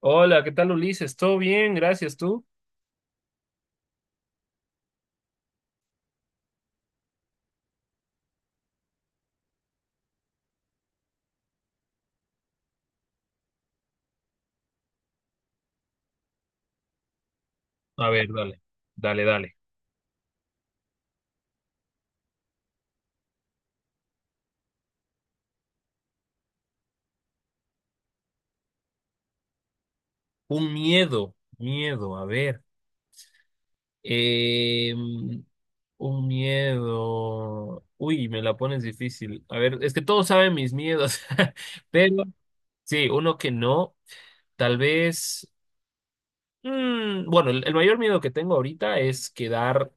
Hola, ¿qué tal Ulises? ¿Todo bien? Gracias, ¿tú? A ver, dale. Un miedo, miedo, a ver. Eh, un miedo. Uy, me la pones difícil. A ver, es que todos saben mis miedos, pero sí, uno que no. Tal vez. Mm, bueno, el mayor miedo que tengo ahorita es quedar,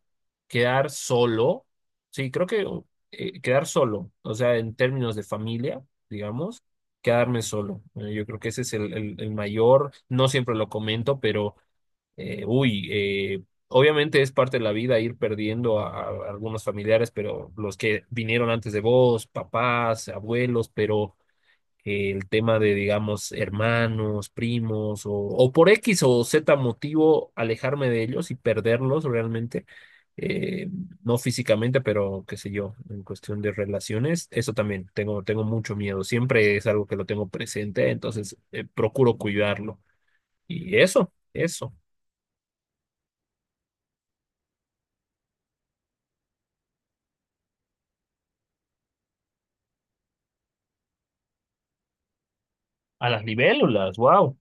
quedar solo. Sí, creo que quedar solo, o sea, en términos de familia, digamos, quedarme solo. Yo creo que ese es el mayor, no siempre lo comento, pero, obviamente es parte de la vida ir perdiendo a algunos familiares, pero los que vinieron antes de vos, papás, abuelos, pero que el tema de, digamos, hermanos, primos, o por X o Z motivo, alejarme de ellos y perderlos realmente, eh, no físicamente, pero qué sé yo, en cuestión de relaciones, eso también, tengo mucho miedo, siempre es algo que lo tengo presente, entonces procuro cuidarlo. Y eso. A las libélulas, wow.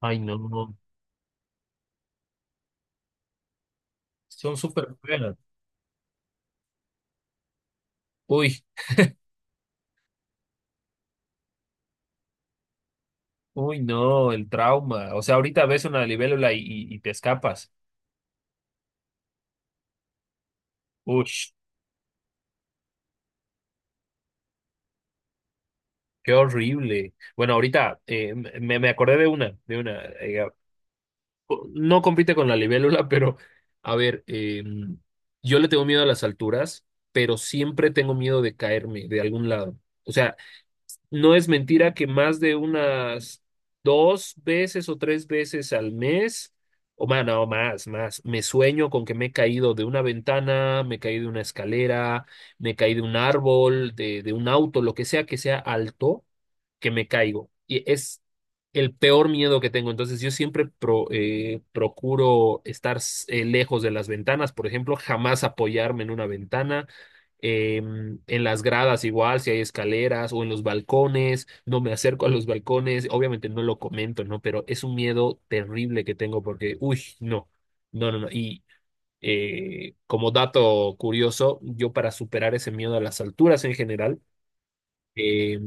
Ay, no, no, son súper feas. Uy, uy, no, el trauma. O sea, ahorita ves una libélula y, y te escapas. Uy. Qué horrible. Bueno, ahorita me acordé de una, de una. No compite con la libélula, pero a ver, yo le tengo miedo a las alturas, pero siempre tengo miedo de caerme de algún lado. O sea, no es mentira que más de unas 2 veces o 3 veces al mes, o más, no, más, más, me sueño con que me he caído de una ventana, me caí de una escalera, me caí de un árbol, de un auto, lo que sea alto, que me caigo. Y es el peor miedo que tengo. Entonces yo siempre procuro estar lejos de las ventanas, por ejemplo, jamás apoyarme en una ventana eh, en las gradas igual, si hay escaleras o en los balcones, no me acerco a los balcones, obviamente no lo comento, ¿no? Pero es un miedo terrible que tengo porque, uy, no, no, no, no. Y como dato curioso, yo para superar ese miedo a las alturas en general, eh,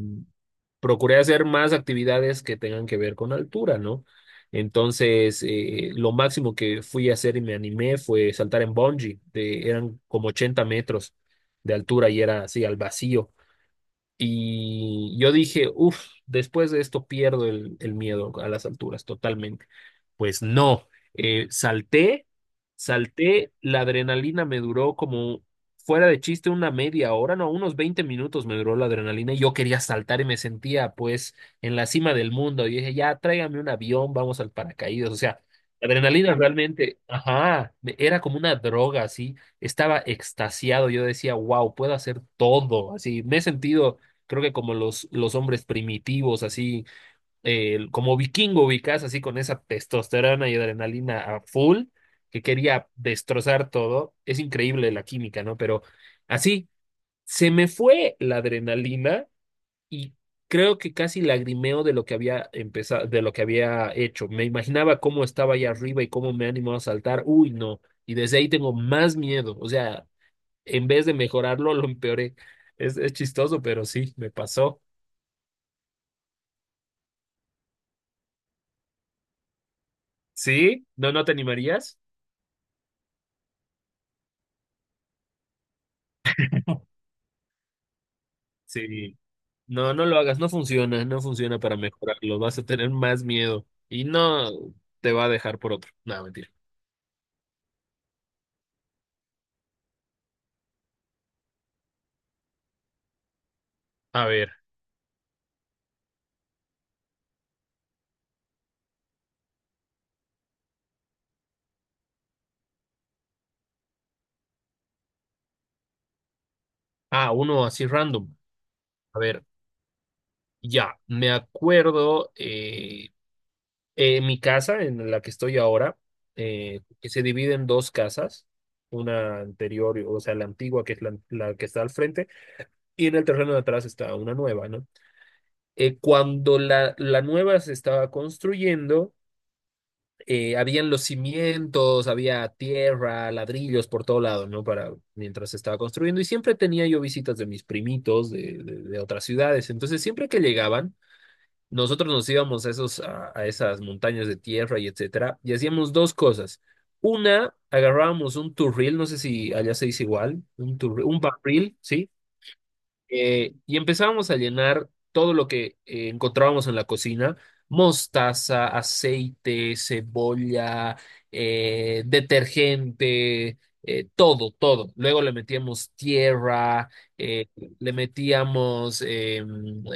procuré hacer más actividades que tengan que ver con altura, ¿no? Entonces, lo máximo que fui a hacer y me animé fue saltar en bungee, de, eran como 80 metros de altura y era así al vacío. Y yo dije, uff, después de esto pierdo el miedo a las alturas totalmente. Pues no, eh, salté, salté, la adrenalina me duró como fuera de chiste una media hora, no, unos 20 minutos me duró la adrenalina y yo quería saltar y me sentía pues en la cima del mundo. Y dije, ya, tráigame un avión, vamos al paracaídas. O sea, la adrenalina realmente, ajá, era como una droga, así, estaba extasiado, yo decía, wow, puedo hacer todo, así, me he sentido creo que como los hombres primitivos, así, como vikingo ubicás, así con esa testosterona y adrenalina a full, que quería destrozar todo. Es increíble la química, ¿no? Pero así, se me fue la adrenalina y creo que casi lagrimeo de lo que había empezado, de lo que había hecho. Me imaginaba cómo estaba allá arriba y cómo me animó a saltar. Uy, no. Y desde ahí tengo más miedo. O sea, en vez de mejorarlo, lo empeoré. Es chistoso, pero sí, me pasó. ¿Sí? ¿No te animarías? Sí. No, no lo hagas, no funciona, no funciona para mejorarlo, vas a tener más miedo y no te va a dejar por otro. No, mentira. A ver, ah, uno así random. A ver, ya, me acuerdo mi casa en la que estoy ahora, que se divide en dos casas, una anterior, o sea, la antigua que es la que está al frente, y en el terreno de atrás está una nueva, ¿no? Cuando la nueva se estaba construyendo, habían los cimientos, había tierra, ladrillos por todo lado, ¿no? Para mientras se estaba construyendo. Y siempre tenía yo visitas de mis primitos de otras ciudades. Entonces, siempre que llegaban, nosotros nos íbamos a esos, a esas montañas de tierra y etcétera, y hacíamos dos cosas. Una, agarrábamos un turril, no sé si allá se dice igual, un turril, un barril, ¿sí? Y empezábamos a llenar todo lo que encontrábamos en la cocina, mostaza, aceite, cebolla, detergente, todo, todo. Luego le metíamos tierra, eh, le metíamos eh,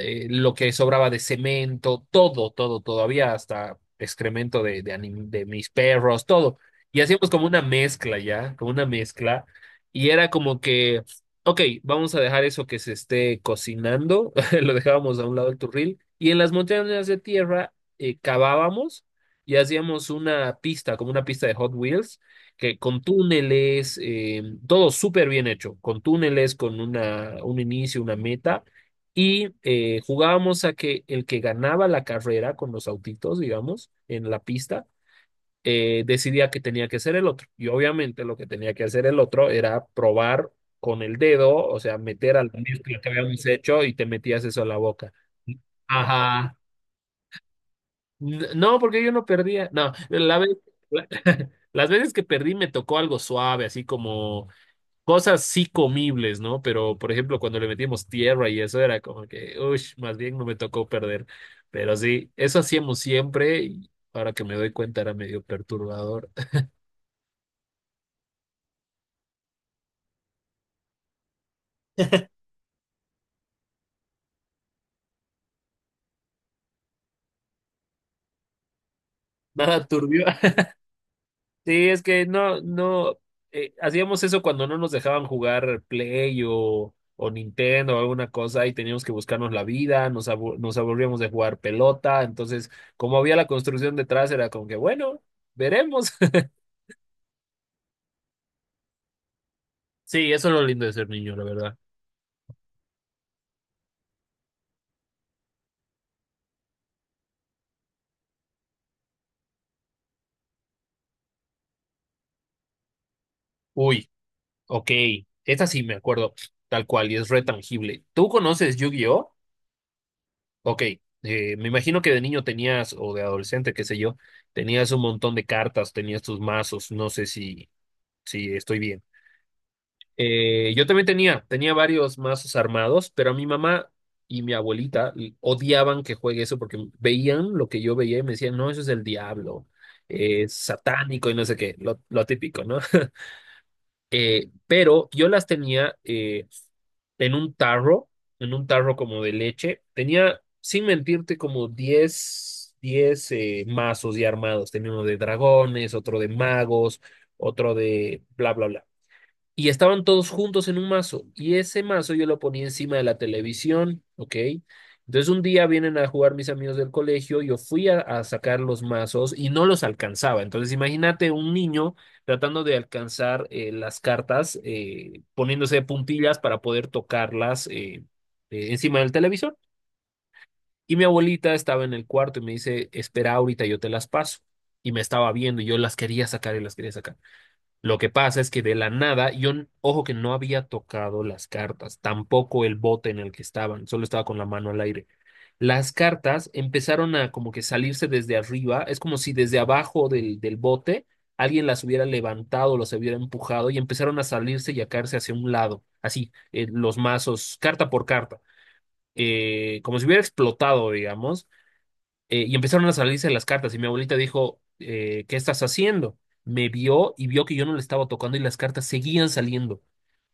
eh, lo que sobraba de cemento, todo, todo, todo. Había hasta excremento de mis perros, todo. Y hacíamos como una mezcla ya, como una mezcla. Y era como que... Ok, vamos a dejar eso que se esté cocinando, lo dejábamos a un lado del turril, y en las montañas de tierra cavábamos y hacíamos una pista, como una pista de Hot Wheels, que con túneles, todo súper bien hecho, con túneles, con una, un inicio, una meta, y jugábamos a que el que ganaba la carrera con los autitos, digamos, en la pista, decidía que tenía que hacer el otro. Y obviamente lo que tenía que hacer el otro era probar con el dedo, o sea, meter al la mezcla que habíamos hecho y te metías eso a la boca. Ajá. No, porque yo no perdía. No, la vez, la- las veces que perdí me tocó algo suave, así como cosas sí comibles, ¿no? Pero, por ejemplo, cuando le metimos tierra y eso era como que, uy, más bien no me tocó perder. Pero sí, eso hacíamos siempre y ahora que me doy cuenta era medio perturbador. Nada turbio. Sí, es que no, no, hacíamos eso cuando no nos dejaban jugar Play o Nintendo o alguna cosa y teníamos que buscarnos la vida, nos, nos aburríamos de jugar pelota, entonces como había la construcción detrás era como que, bueno, veremos. Sí, eso es lo lindo de ser niño, la verdad. Uy, ok, esta sí me acuerdo, tal cual, y es re tangible. ¿Tú conoces Yu-Gi-Oh? Ok, me imagino que de niño tenías, o de adolescente, qué sé yo, tenías un montón de cartas, tenías tus mazos, no sé si, si estoy bien. Yo también tenía, tenía varios mazos armados, pero a mi mamá y mi abuelita odiaban que juegue eso porque veían lo que yo veía y me decían, no, eso es el diablo, es satánico y no sé qué, lo típico, ¿no? Pero yo las tenía, en un tarro, en un tarro como de leche. Tenía, sin mentirte, como diez mazos ya armados. Tenía uno de dragones, otro de magos, otro de bla, bla, bla y estaban todos juntos en un mazo. Y ese mazo yo lo ponía encima de la televisión, ¿ok? Entonces un día vienen a jugar mis amigos del colegio, yo fui a sacar los mazos y no los alcanzaba. Entonces imagínate un niño tratando de alcanzar las cartas, poniéndose de puntillas para poder tocarlas encima del televisor. Y mi abuelita estaba en el cuarto y me dice, espera ahorita, yo te las paso. Y me estaba viendo y yo las quería sacar y las quería sacar. Lo que pasa es que de la nada, yo, ojo que no había tocado las cartas, tampoco el bote en el que estaban, solo estaba con la mano al aire. Las cartas empezaron a como que salirse desde arriba, es como si desde abajo del bote alguien las hubiera levantado, los hubiera empujado y empezaron a salirse y a caerse hacia un lado, así, los mazos, carta por carta, como si hubiera explotado, digamos y empezaron a salirse las cartas y mi abuelita dijo, ¿qué estás haciendo? Me vio y vio que yo no le estaba tocando y las cartas seguían saliendo.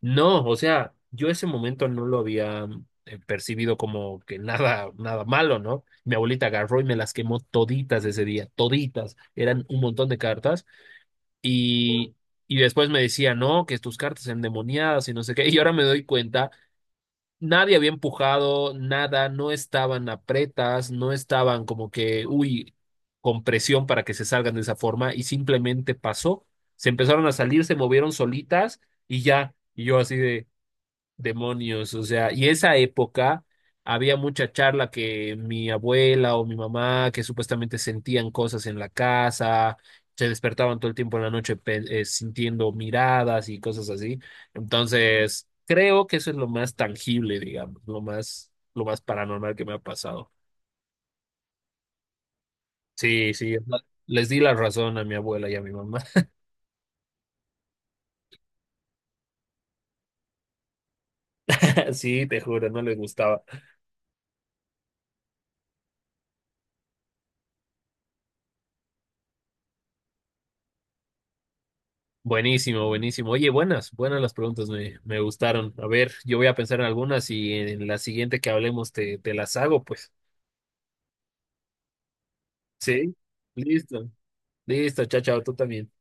No, o sea, yo ese momento no lo había percibido como que nada, nada malo, ¿no? Mi abuelita agarró y me las quemó toditas ese día, toditas. Eran un montón de cartas y, y después me decía, no, que tus cartas endemoniadas y no sé qué. Y ahora me doy cuenta Nadie había empujado, nada, no estaban apretas, no estaban como que, uy, con presión para que se salgan de esa forma y simplemente pasó. Se empezaron a salir, se movieron solitas y ya. Y yo así de, Demonios, o sea, y esa época había mucha charla que mi abuela o mi mamá, que supuestamente sentían cosas en la casa, se despertaban todo el tiempo en la noche sintiendo miradas y cosas así. Entonces, creo que eso es lo más tangible, digamos, lo más paranormal que me ha pasado. Sí, sí, les di la razón a mi abuela y a mi mamá. Sí, te juro, no les gustaba. Buenísimo. Oye, buenas las preguntas, me gustaron. A ver, yo voy a pensar en algunas y en la siguiente que hablemos te, te las hago, pues. Sí, listo. Listo, chao, chao, tú también.